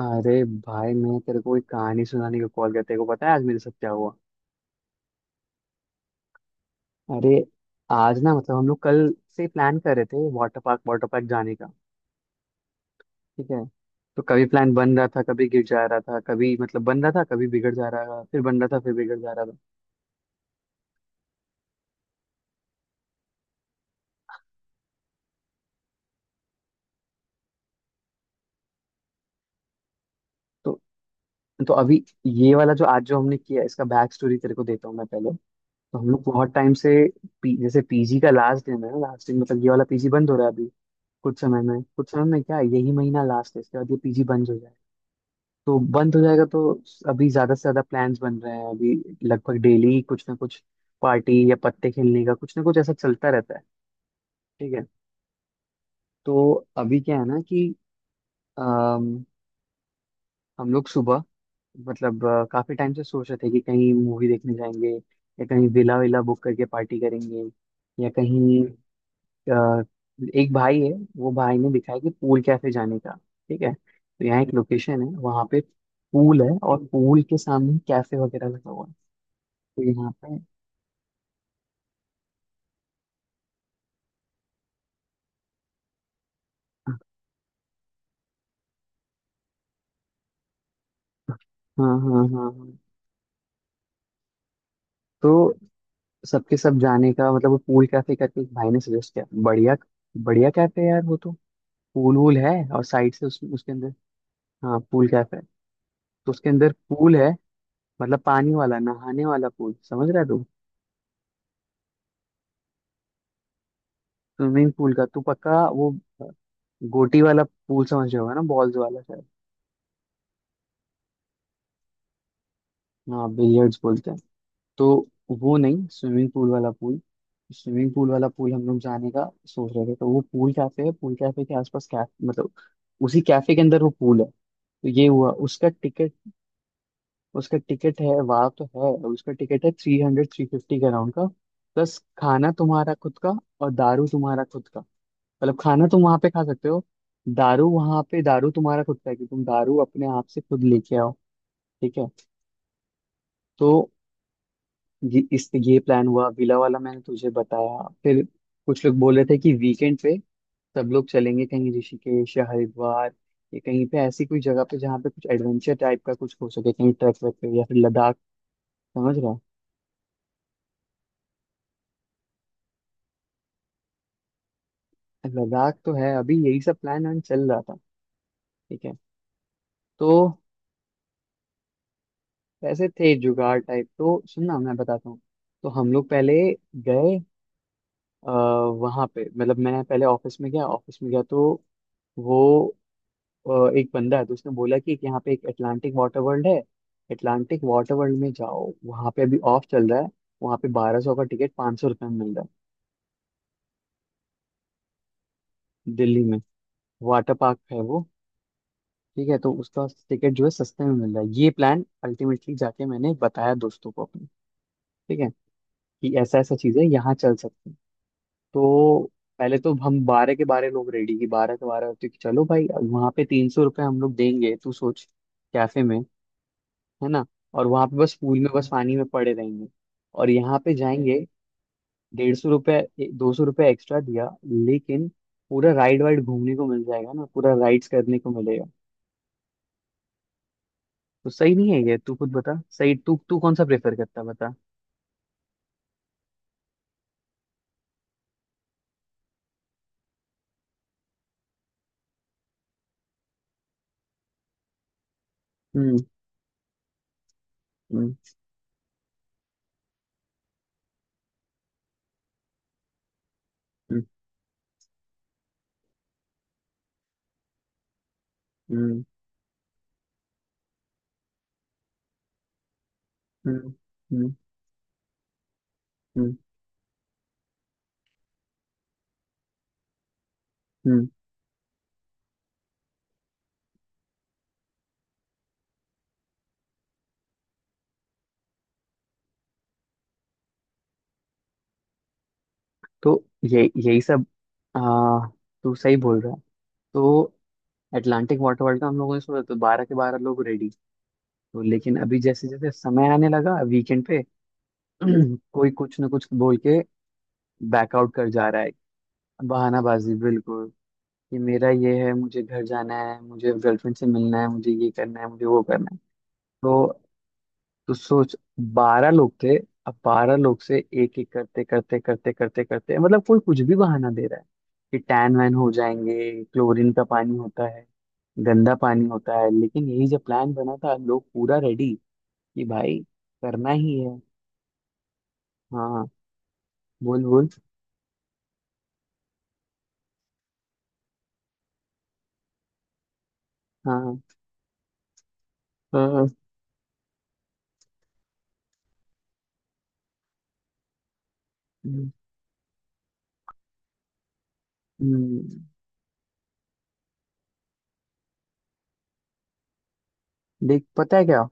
अरे भाई, मैं तेरे को एक कहानी सुनाने को कॉल करते को पता है आज मेरे साथ क्या हुआ। अरे आज ना हम लोग कल से प्लान कर रहे थे वाटर पार्क जाने का। ठीक है। तो कभी प्लान बन रहा था कभी गिर जा रहा था कभी मतलब बन रहा था कभी बिगड़ जा रहा था फिर बन रहा था फिर बिगड़ जा रहा था तो तो अभी ये वाला जो आज जो हमने किया इसका बैक स्टोरी तेरे को देता हूँ मैं पहले। तो हम लोग बहुत टाइम से जैसे पीजी का लास्ट दिन है ना। लास्ट दिन मतलब ये वाला पीजी बंद हो रहा है अभी कुछ समय में। क्या यही महीना लास्ट है, इसके बाद ये पीजी बंद हो जाएगा। तो बंद हो जाएगा तो अभी ज्यादा से ज्यादा प्लान्स बन रहे हैं अभी। लगभग डेली कुछ ना कुछ पार्टी या पत्ते खेलने का कुछ ना कुछ ऐसा चलता रहता है। ठीक है। तो अभी क्या है ना कि अम, हम लोग सुबह मतलब काफी टाइम से सोच रहे थे कि कहीं मूवी देखने जाएंगे या कहीं विला विला बुक करके पार्टी करेंगे या कहीं अ, एक भाई है। वो भाई ने दिखाया कि पूल कैफे जाने का। ठीक है। तो यहाँ एक लोकेशन है वहाँ पे पूल है और पूल के सामने कैफे वगैरह लगा हुआ है। तो यहाँ पे हाँ हाँ हाँ हाँ। तो सबके सब जाने का मतलब वो पूल कैफे करके एक भाई ने सजेस्ट किया। बढ़िया बढ़िया कैफे है यार वो तो। पूल वूल है और साइड से उसके अंदर हाँ पूल कैफे है। तो उसके अंदर पूल है, मतलब पानी वाला नहाने वाला पूल, समझ रहा है तू। स्विमिंग पूल का तू पक्का वो गोटी वाला पूल समझ रहा होगा ना, बॉल्स वाला शायद। हाँ बिलियर्ड्स बोलते हैं। तो वो नहीं, स्विमिंग पूल वाला पूल। स्विमिंग पूल वाला पूल हम लोग जाने का सोच रहे थे। तो वो पूल कैफे है। पूल कैफे के आसपास कैफ मतलब उसी कैफे के अंदर वो पूल है। तो ये हुआ उसका टिकट। उसका टिकट है वहाँ तो है। उसका टिकट है थ्री हंड्रेड थ्री फिफ्टी के अराउंड का, प्लस खाना तुम्हारा खुद का और दारू तुम्हारा खुद का। मतलब खाना तुम वहाँ पे खा सकते हो, दारू वहाँ पे दारू तुम्हारा खुद का है कि तुम दारू अपने आप से खुद लेके आओ। ठीक है। तो ये इस ये प्लान हुआ विला वाला मैंने तुझे बताया। फिर कुछ लोग बोल रहे थे कि वीकेंड पे सब लोग चलेंगे कहीं ऋषिकेश या हरिद्वार या कहीं पे ऐसी कोई जगह पे जहाँ पे कुछ एडवेंचर टाइप का कुछ हो सके। कहीं ट्रैक व्रैक पे या फिर लद्दाख, समझ रहा है। लद्दाख तो है, अभी यही सब प्लान वैन चल रहा था। ठीक है। तो पैसे थे जुगाड़ टाइप, तो सुनना मैं बताता हूँ। तो हम लोग पहले गए आ, वहाँ पे मतलब मैं पहले ऑफिस में गया। ऑफिस में गया तो वो एक बंदा है तो उसने बोला कि एक यहाँ पे एक अटलांटिक वाटर वर्ल्ड है। अटलांटिक वाटर वर्ल्ड में जाओ, वहाँ पे अभी ऑफ चल रहा है। वहाँ पे 1200 का टिकट 500 रुपये में मिल रहा है। दिल्ली में वाटर पार्क है वो। ठीक है। तो उसका टिकट जो है सस्ते में मिल रहा है ये प्लान अल्टीमेटली जाके मैंने बताया दोस्तों को अपने। ठीक है। कि ऐसा ऐसा चीज़ है यहाँ चल सकते हैं। तो पहले तो हम 12 के 12 लोग रेडी कि 12 के 12 तो, कि चलो भाई अब वहाँ पे 300 रुपये हम लोग देंगे तू सोच, कैफे में, है ना, और वहां पे बस पूल में बस पानी में पड़े रहेंगे। और यहाँ पे जाएंगे 150 रुपये 200 रुपये एक्स्ट्रा दिया लेकिन पूरा राइड वाइड घूमने को मिल जाएगा ना, पूरा राइड्स करने को मिलेगा। तो सही नहीं है ये, तू खुद बता सही, तू तू कौन सा प्रेफर करता बता। हम्म हम्म हम्म हम्म हम्म हम्म हम्म, हम्म। तो ये यही सब आ, तू सही बोल रहा है। तो अटलांटिक वाटर वर्ल्ड का हम लोगों ने सोचा तो 12 के 12 लोग रेडी। तो लेकिन अभी जैसे जैसे समय आने लगा वीकेंड पे कोई कुछ ना कुछ बोल के बैकआउट कर जा रहा है। बहानाबाजी बिल्कुल। कि मेरा ये है, मुझे घर जाना है, मुझे गर्लफ्रेंड से मिलना है, मुझे ये करना है, मुझे वो करना है। तो तो सोच, 12 लोग थे। अब 12 लोग से एक एक करते करते करते करते करते मतलब कोई कुछ भी बहाना दे रहा है कि टैन वैन हो जाएंगे, क्लोरीन का पानी होता है, गंदा पानी होता है। लेकिन यही जब प्लान बना था लोग पूरा रेडी कि भाई। करना ही है हाँ बोल बोल। हाँ हाँ हम्म, देख पता है क्या।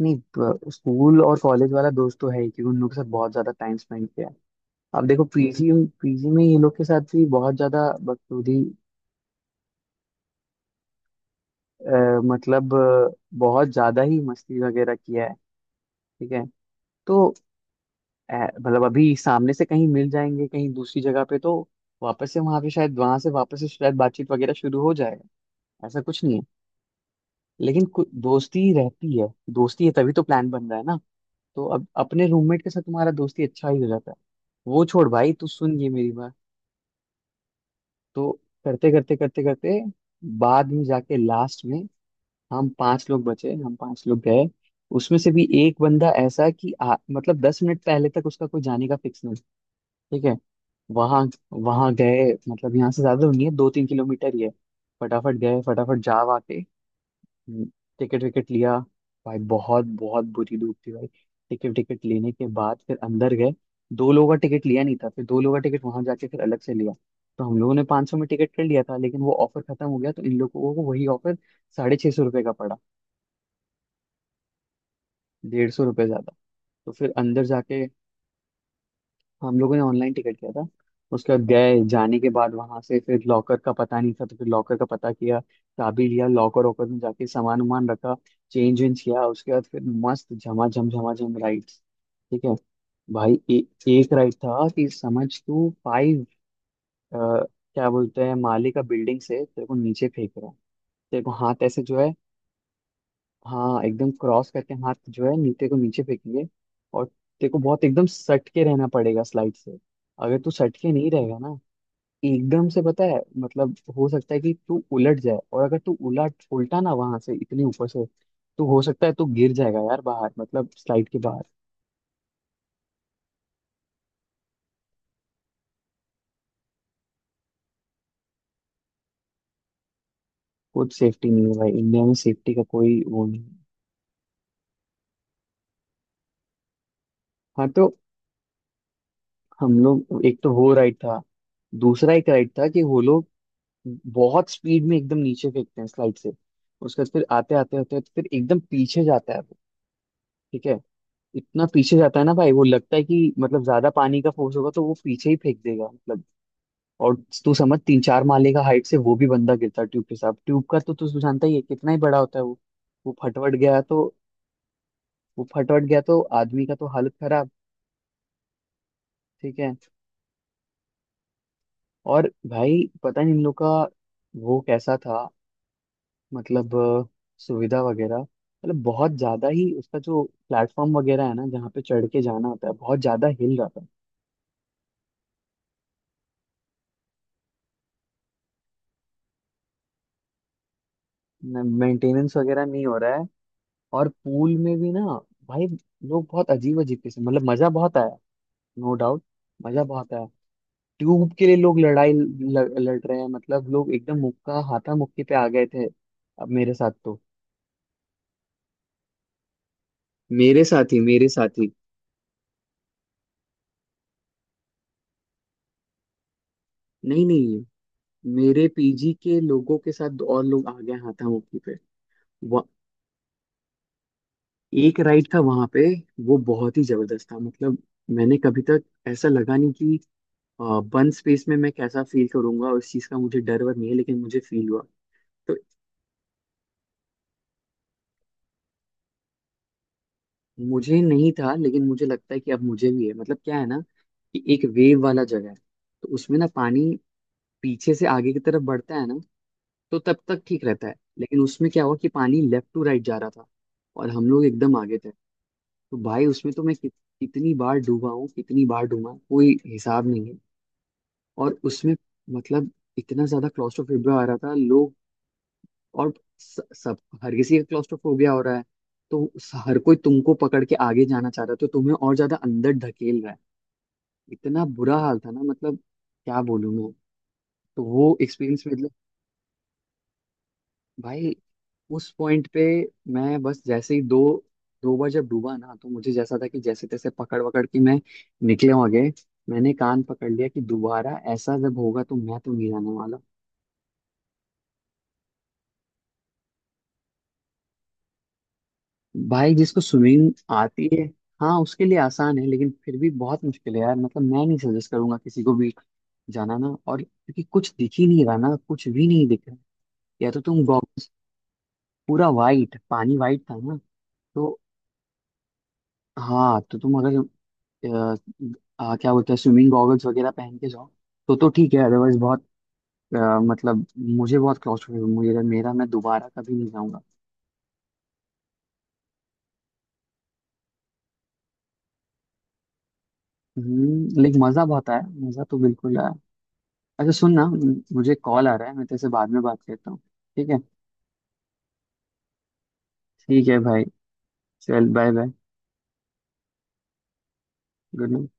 नहीं स्कूल और कॉलेज वाला दोस्त तो है ही क्योंकि उन लोग के साथ बहुत ज्यादा टाइम स्पेंड किया है। अब देखो पीजी, पीजी में ये लोग के साथ भी बहुत ज्यादा, बखूबी, अ, मतलब अ, बहुत ज्यादा ही मस्ती वगैरह किया है। ठीक है। तो अ, मतलब अभी सामने से कहीं मिल जाएंगे कहीं दूसरी जगह पे, तो वापस से वहां पे शायद वहां से वापस से शायद बातचीत वगैरह शुरू हो जाएगा। ऐसा कुछ नहीं है। लेकिन दोस्ती रहती है। दोस्ती है तभी तो प्लान बन रहा है ना। तो अब अपने रूममेट के साथ तुम्हारा दोस्ती अच्छा ही हो जाता है। वो छोड़ भाई, तू सुन ये मेरी बात। तो करते करते करते करते बाद में जाके लास्ट में हम 5 लोग बचे। हम पांच लोग गए। उसमें से भी एक बंदा ऐसा कि मतलब 10 मिनट पहले तक उसका कोई जाने का फिक्स नहीं। ठीक है। वहां वहां गए, मतलब यहाँ से ज्यादा नहीं है, 2 3 किलोमीटर ही है। फटाफट गए, फटाफट जा वाके टिकट विकेट लिया। भाई बहुत बहुत बुरी धूप थी भाई। टिकट विकेट लेने के बाद फिर अंदर गए। दो लोगों का टिकट लिया नहीं था, फिर दो लोगों का टिकट वहां जाके फिर अलग से लिया। तो हम लोगों ने 500 सौ में टिकट कर लिया था लेकिन वो ऑफर खत्म हो गया तो इन लोगों को वही ऑफर 650 रुपये का पड़ा। 150 रुपये ज्यादा। तो फिर अंदर जाके, हम लोगों ने ऑनलाइन टिकट किया था, उसके बाद गए, जाने के बाद वहां से फिर लॉकर का पता नहीं था तो फिर लॉकर का पता किया, चाबी लिया, लॉकर वॉकर में जाके सामान वामान रखा, चेंज वेंज किया। उसके बाद फिर मस्त झमाझम झमाझम राइड। ठीक है। भाई एक राइड था कि समझ तू फाइव, क्या बोलते हैं, माले का बिल्डिंग से तेरे को नीचे फेंक रहा है। तेरे को हाथ ऐसे जो है, हाँ एकदम क्रॉस करके हाथ जो है नीचे को नीचे फेंकेंगे। और तेरे को बहुत एकदम सट के रहना पड़ेगा स्लाइड से। अगर तू सट के नहीं रहेगा ना, एकदम से पता है मतलब हो सकता है कि तू उलट जाए, और अगर तू उलट उल्टा ना वहां से इतने ऊपर से तो हो सकता है तू गिर जाएगा यार बाहर मतलब स्लाइड के बाहर। कुछ सेफ्टी नहीं है भाई, इंडिया में सेफ्टी का कोई वो नहीं है। हाँ तो हम लोग एक तो वो राइड था। दूसरा एक राइड था कि वो लोग बहुत स्पीड में एकदम नीचे फेंकते हैं स्लाइड से। उसके बाद फिर आते आते होते हैं तो फिर एकदम पीछे जाता है वो। ठीक है। इतना पीछे जाता है ना भाई, वो लगता है कि मतलब ज्यादा पानी का फोर्स होगा तो वो पीछे ही फेंक देगा मतलब। और तू समझ 3 4 माले का हाइट से वो भी बंदा गिरता है ट्यूब के साथ। ट्यूब का तो तू जानता ही है कितना ही बड़ा होता है वो। वो फटवट गया तो वो फटवट गया तो आदमी का तो हालत खराब। ठीक है। और भाई पता नहीं इन लोग का वो कैसा था मतलब सुविधा वगैरह मतलब बहुत ज़्यादा ही उसका जो प्लेटफॉर्म वगैरह है ना जहाँ पे चढ़ के जाना होता है बहुत ज़्यादा हिल जाता है। मेंटेनेंस वगैरह नहीं हो रहा है। और पूल में भी ना भाई लोग बहुत अजीब अजीब किस्म, मतलब मज़ा बहुत आया नो डाउट, मज़ा बहुत आया। ट्यूब के लिए लोग लड़ाई लड़ रहे हैं मतलब लोग एकदम मुक्का हाथा मुक्की पे आ गए थे। अब मेरे साथ तो, मेरे साथ ही, नहीं नहीं, मेरे पीजी के लोगों के साथ और लोग आ गए हाथा मुक्की पे। एक राइड था वहां पे वो बहुत ही जबरदस्त था मतलब। मैंने कभी तक ऐसा लगा नहीं कि बंद स्पेस में मैं कैसा फील करूंगा, उस चीज का मुझे डर वर नहीं है, लेकिन मुझे फील हुआ। तो मुझे नहीं था लेकिन मुझे लगता है कि अब मुझे भी है। मतलब क्या है ना कि एक वेव वाला जगह है। तो उसमें ना पानी पीछे से आगे की तरफ बढ़ता है ना, तो तब तक ठीक रहता है। लेकिन उसमें क्या हुआ कि पानी लेफ्ट टू राइट जा रहा था और हम लोग एकदम आगे थे। तो भाई उसमें तो मैं कितनी बार डूबा हूँ, कितनी बार डूबा कोई हिसाब नहीं है। और उसमें मतलब इतना ज्यादा क्लॉस्ट्रोफोबिया आ रहा था लोग। और सब हर किसी का क्लॉस्ट्रोफोबिया हो रहा है तो हर कोई तुमको पकड़ के आगे जाना चाह रहा है तो तुम्हें और ज्यादा अंदर ढकेल रहा है। इतना बुरा हाल था ना मतलब, क्या बोलूं मैं। तो वो एक्सपीरियंस मतलब, भाई उस पॉइंट पे मैं बस जैसे ही दो दो बार जब डूबा ना तो मुझे जैसा था कि जैसे तैसे पकड़ वकड़ के मैं निकले आगे। मैंने कान पकड़ लिया कि दोबारा ऐसा जब होगा तो मैं तो नहीं जाने वाला। भाई जिसको स्विमिंग आती है हाँ उसके लिए आसान है, लेकिन फिर भी बहुत मुश्किल है यार, मतलब मैं नहीं सजेस्ट करूंगा किसी को भी जाना ना। और क्योंकि कुछ दिख ही नहीं रहा ना, कुछ भी नहीं दिख रहा, या तो तुम गॉगल्स, पूरा वाइट पानी वाइट था ना। तो हाँ तो तुम अगर अ, क्या बोलते हैं स्विमिंग गॉगल्स वगैरह पहन के जाओ तो ठीक है, अदरवाइज बहुत मतलब मुझे बहुत क्लॉस्ट्रोफोबिक, मुझे मेरा मैं दोबारा कभी नहीं जाऊंगा। लेकिन मजा बहुत आया, मजा तो बिल्कुल आया। अच्छा सुन ना, मुझे कॉल आ रहा है, मैं तेरे से बाद में बात करता हूँ। ठीक है। ठीक है भाई। चल बाय बाय। Good night.